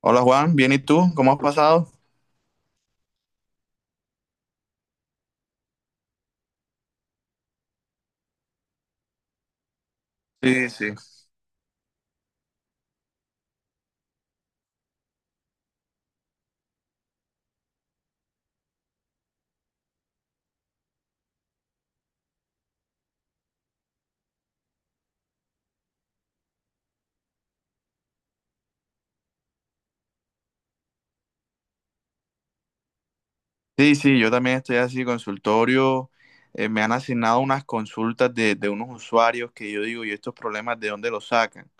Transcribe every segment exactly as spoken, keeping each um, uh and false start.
Hola Juan, bien, ¿y tú? ¿Cómo has pasado? Sí, sí. Sí, sí, yo también estoy así, consultorio. Eh, me han asignado unas consultas de, de unos usuarios que yo digo, ¿y estos problemas de dónde los sacan?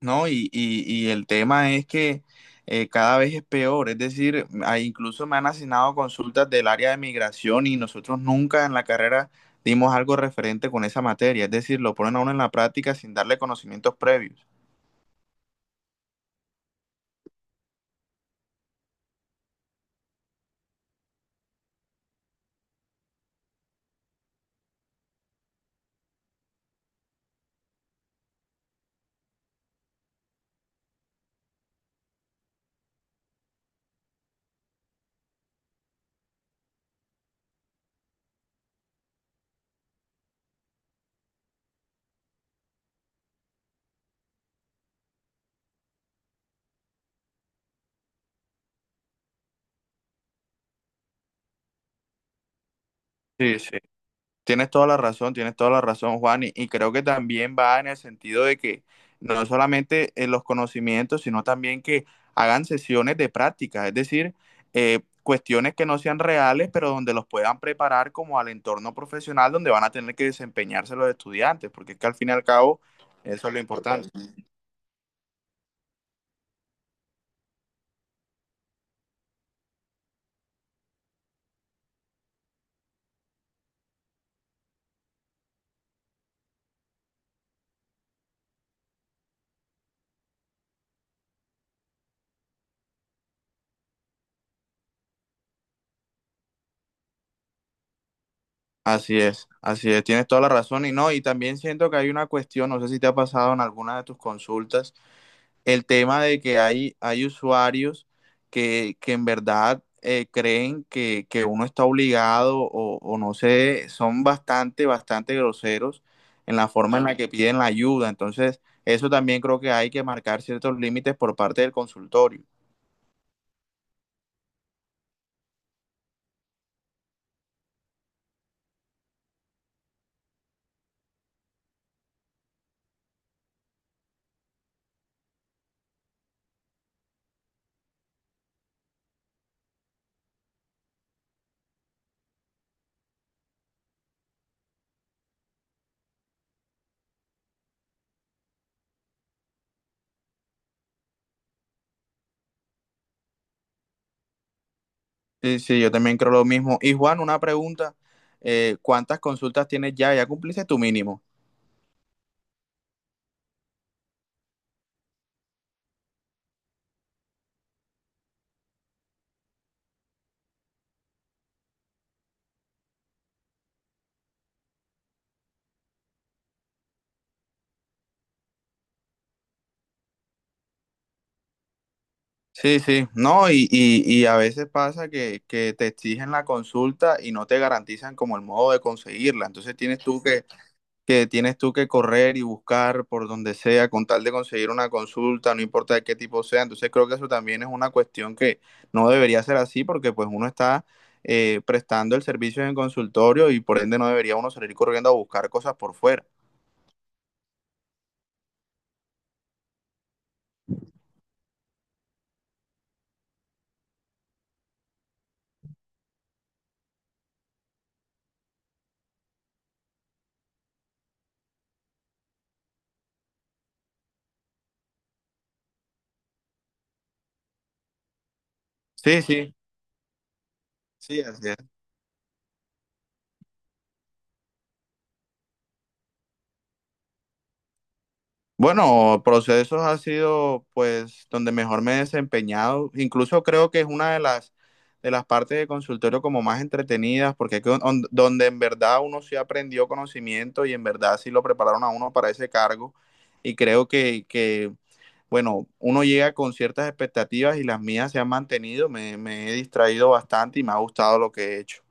¿No? Y, y- y el tema es que eh, cada vez es peor. Es decir, ah, incluso me han asignado consultas del área de migración y nosotros nunca en la carrera dimos algo referente con esa materia. Es decir, lo ponen a uno en la práctica sin darle conocimientos previos. Sí, sí. Tienes toda la razón, tienes toda la razón, Juan, y, y creo que también va en el sentido de que no solamente en los conocimientos, sino también que hagan sesiones de práctica, es decir, eh, cuestiones que no sean reales, pero donde los puedan preparar como al entorno profesional donde van a tener que desempeñarse los estudiantes, porque es que al fin y al cabo eso es lo importante. Así es, así es, tienes toda la razón y no, y también siento que hay una cuestión, no sé si te ha pasado en alguna de tus consultas el tema de que hay, hay usuarios que, que en verdad eh, creen que, que, uno está obligado o, o, no sé, son bastante, bastante groseros en la forma en la que piden la ayuda. Entonces, eso también creo que hay que marcar ciertos límites por parte del consultorio. Sí, sí, yo también creo lo mismo. Y Juan, una pregunta, eh, ¿cuántas consultas tienes ya? ¿Ya cumpliste tu mínimo? Sí, sí, no, y, y, y a veces pasa que, que te exigen la consulta y no te garantizan como el modo de conseguirla. Entonces tienes tú que, que tienes tú que correr y buscar por donde sea con tal de conseguir una consulta, no importa de qué tipo sea. Entonces creo que eso también es una cuestión que no debería ser así porque pues uno está eh, prestando el servicio en el consultorio y por ende no debería uno salir corriendo a buscar cosas por fuera. Sí, sí, sí, así es. Bueno, procesos ha sido pues donde mejor me he desempeñado. Incluso creo que es una de las de las partes de consultorio como más entretenidas, porque es que on- donde en verdad uno sí aprendió conocimiento y en verdad sí lo prepararon a uno para ese cargo. Y creo que, que bueno, uno llega con ciertas expectativas y las mías se han mantenido. Me, me he distraído bastante y me ha gustado lo que he hecho.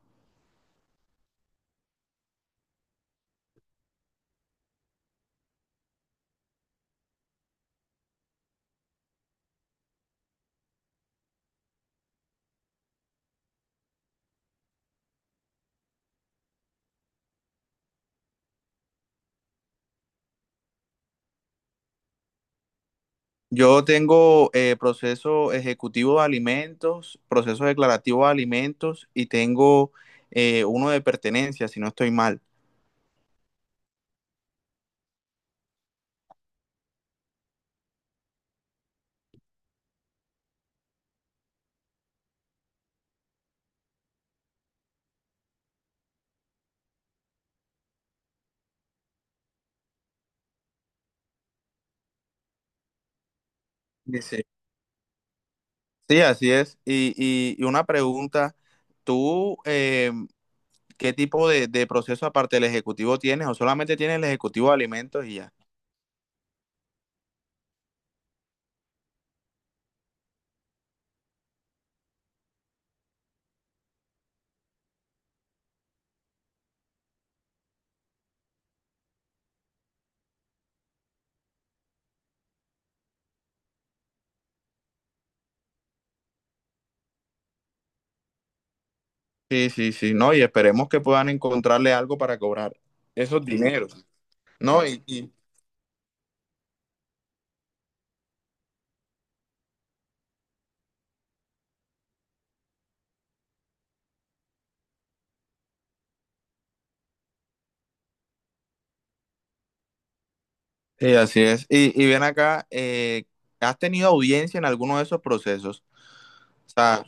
Yo tengo eh, proceso ejecutivo de alimentos, proceso declarativo de alimentos y tengo eh, uno de pertenencia, si no estoy mal. Dice. Sí, así es. Y, y- y una pregunta, ¿tú eh, qué tipo de, de proceso aparte del ejecutivo tienes o solamente tienes el ejecutivo de alimentos y ya? Sí, sí, sí, no, y esperemos que puedan encontrarle algo para cobrar esos dineros, ¿no? Y, y- Sí, así es. Y, y ven acá, eh, ¿has tenido audiencia en alguno de esos procesos? O sea,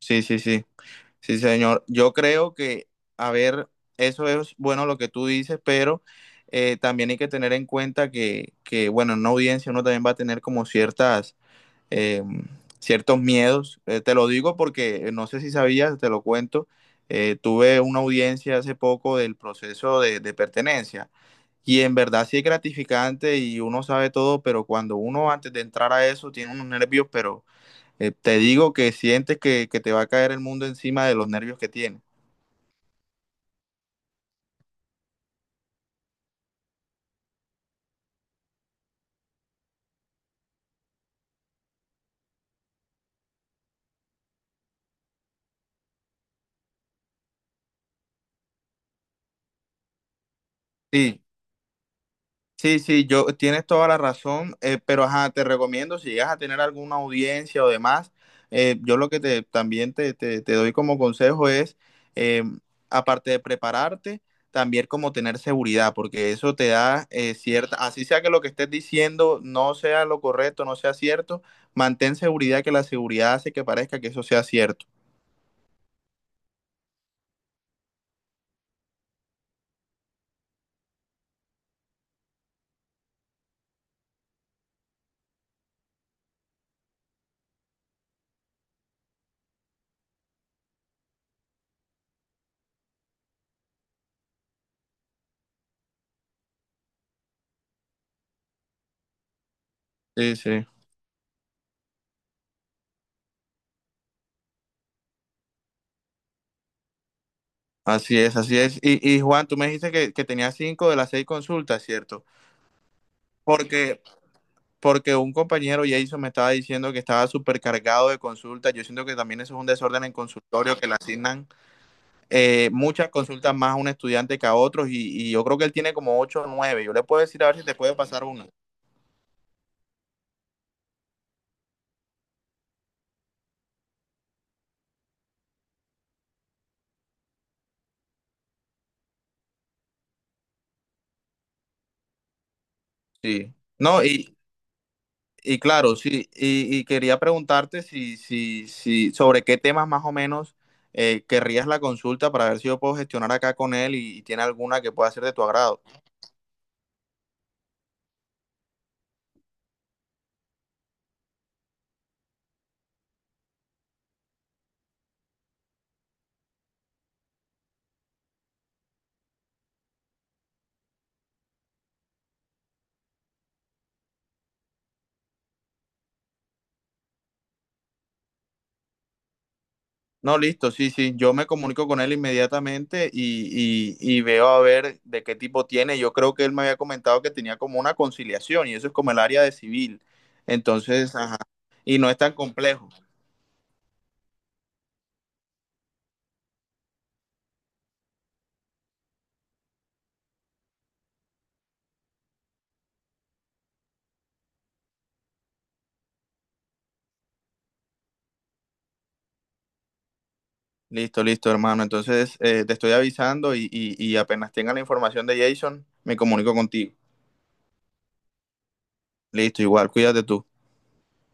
sí, sí, sí. Sí, señor. Yo creo que, a ver, eso es bueno lo que tú dices, pero eh, también hay que tener en cuenta que, que, bueno, en una audiencia uno también va a tener como ciertas, eh, ciertos miedos. Eh, te lo digo porque eh, no sé si sabías, te lo cuento. Eh, tuve una audiencia hace poco del proceso de, de pertenencia y en verdad sí es gratificante y uno sabe todo, pero cuando uno antes de entrar a eso tiene unos nervios, pero Eh, te digo que sientes que, que te va a caer el mundo encima de los nervios que tienes. Sí, sí, sí, yo tienes toda la razón, eh, pero ajá, te recomiendo si llegas a tener alguna audiencia o demás, eh, yo lo que te también te, te- te doy como consejo es, eh, aparte de prepararte, también como tener seguridad, porque eso te da eh, cierta, así sea que lo que estés diciendo no sea lo correcto, no sea cierto, mantén seguridad que la seguridad hace que parezca que eso sea cierto. Sí, sí. Así es, así es. Y, y Juan, tú me dijiste que, que tenía cinco de las seis consultas, ¿cierto? Porque, porque un compañero, Jason, me estaba diciendo que estaba supercargado de consultas. Yo siento que también eso es un desorden en consultorio, que le asignan eh, muchas consultas más a un estudiante que a otros. Y, y yo creo que él tiene como ocho o nueve. Yo le puedo decir a ver si te puede pasar una. Sí. No, y, Y claro, sí, y, y quería preguntarte si, si, si, sobre qué temas más o menos eh, querrías la consulta para ver si yo puedo gestionar acá con él y, y tiene alguna que pueda ser de tu agrado. No, listo, sí, sí, yo me comunico con él inmediatamente y, y, y veo a ver de qué tipo tiene. Yo creo que él me había comentado que tenía como una conciliación y eso es como el área de civil. Entonces, ajá, y no es tan complejo. Listo, listo, hermano. Entonces, eh, te estoy avisando y, y y apenas tenga la información de Jason, me comunico contigo. Listo, igual, cuídate tú.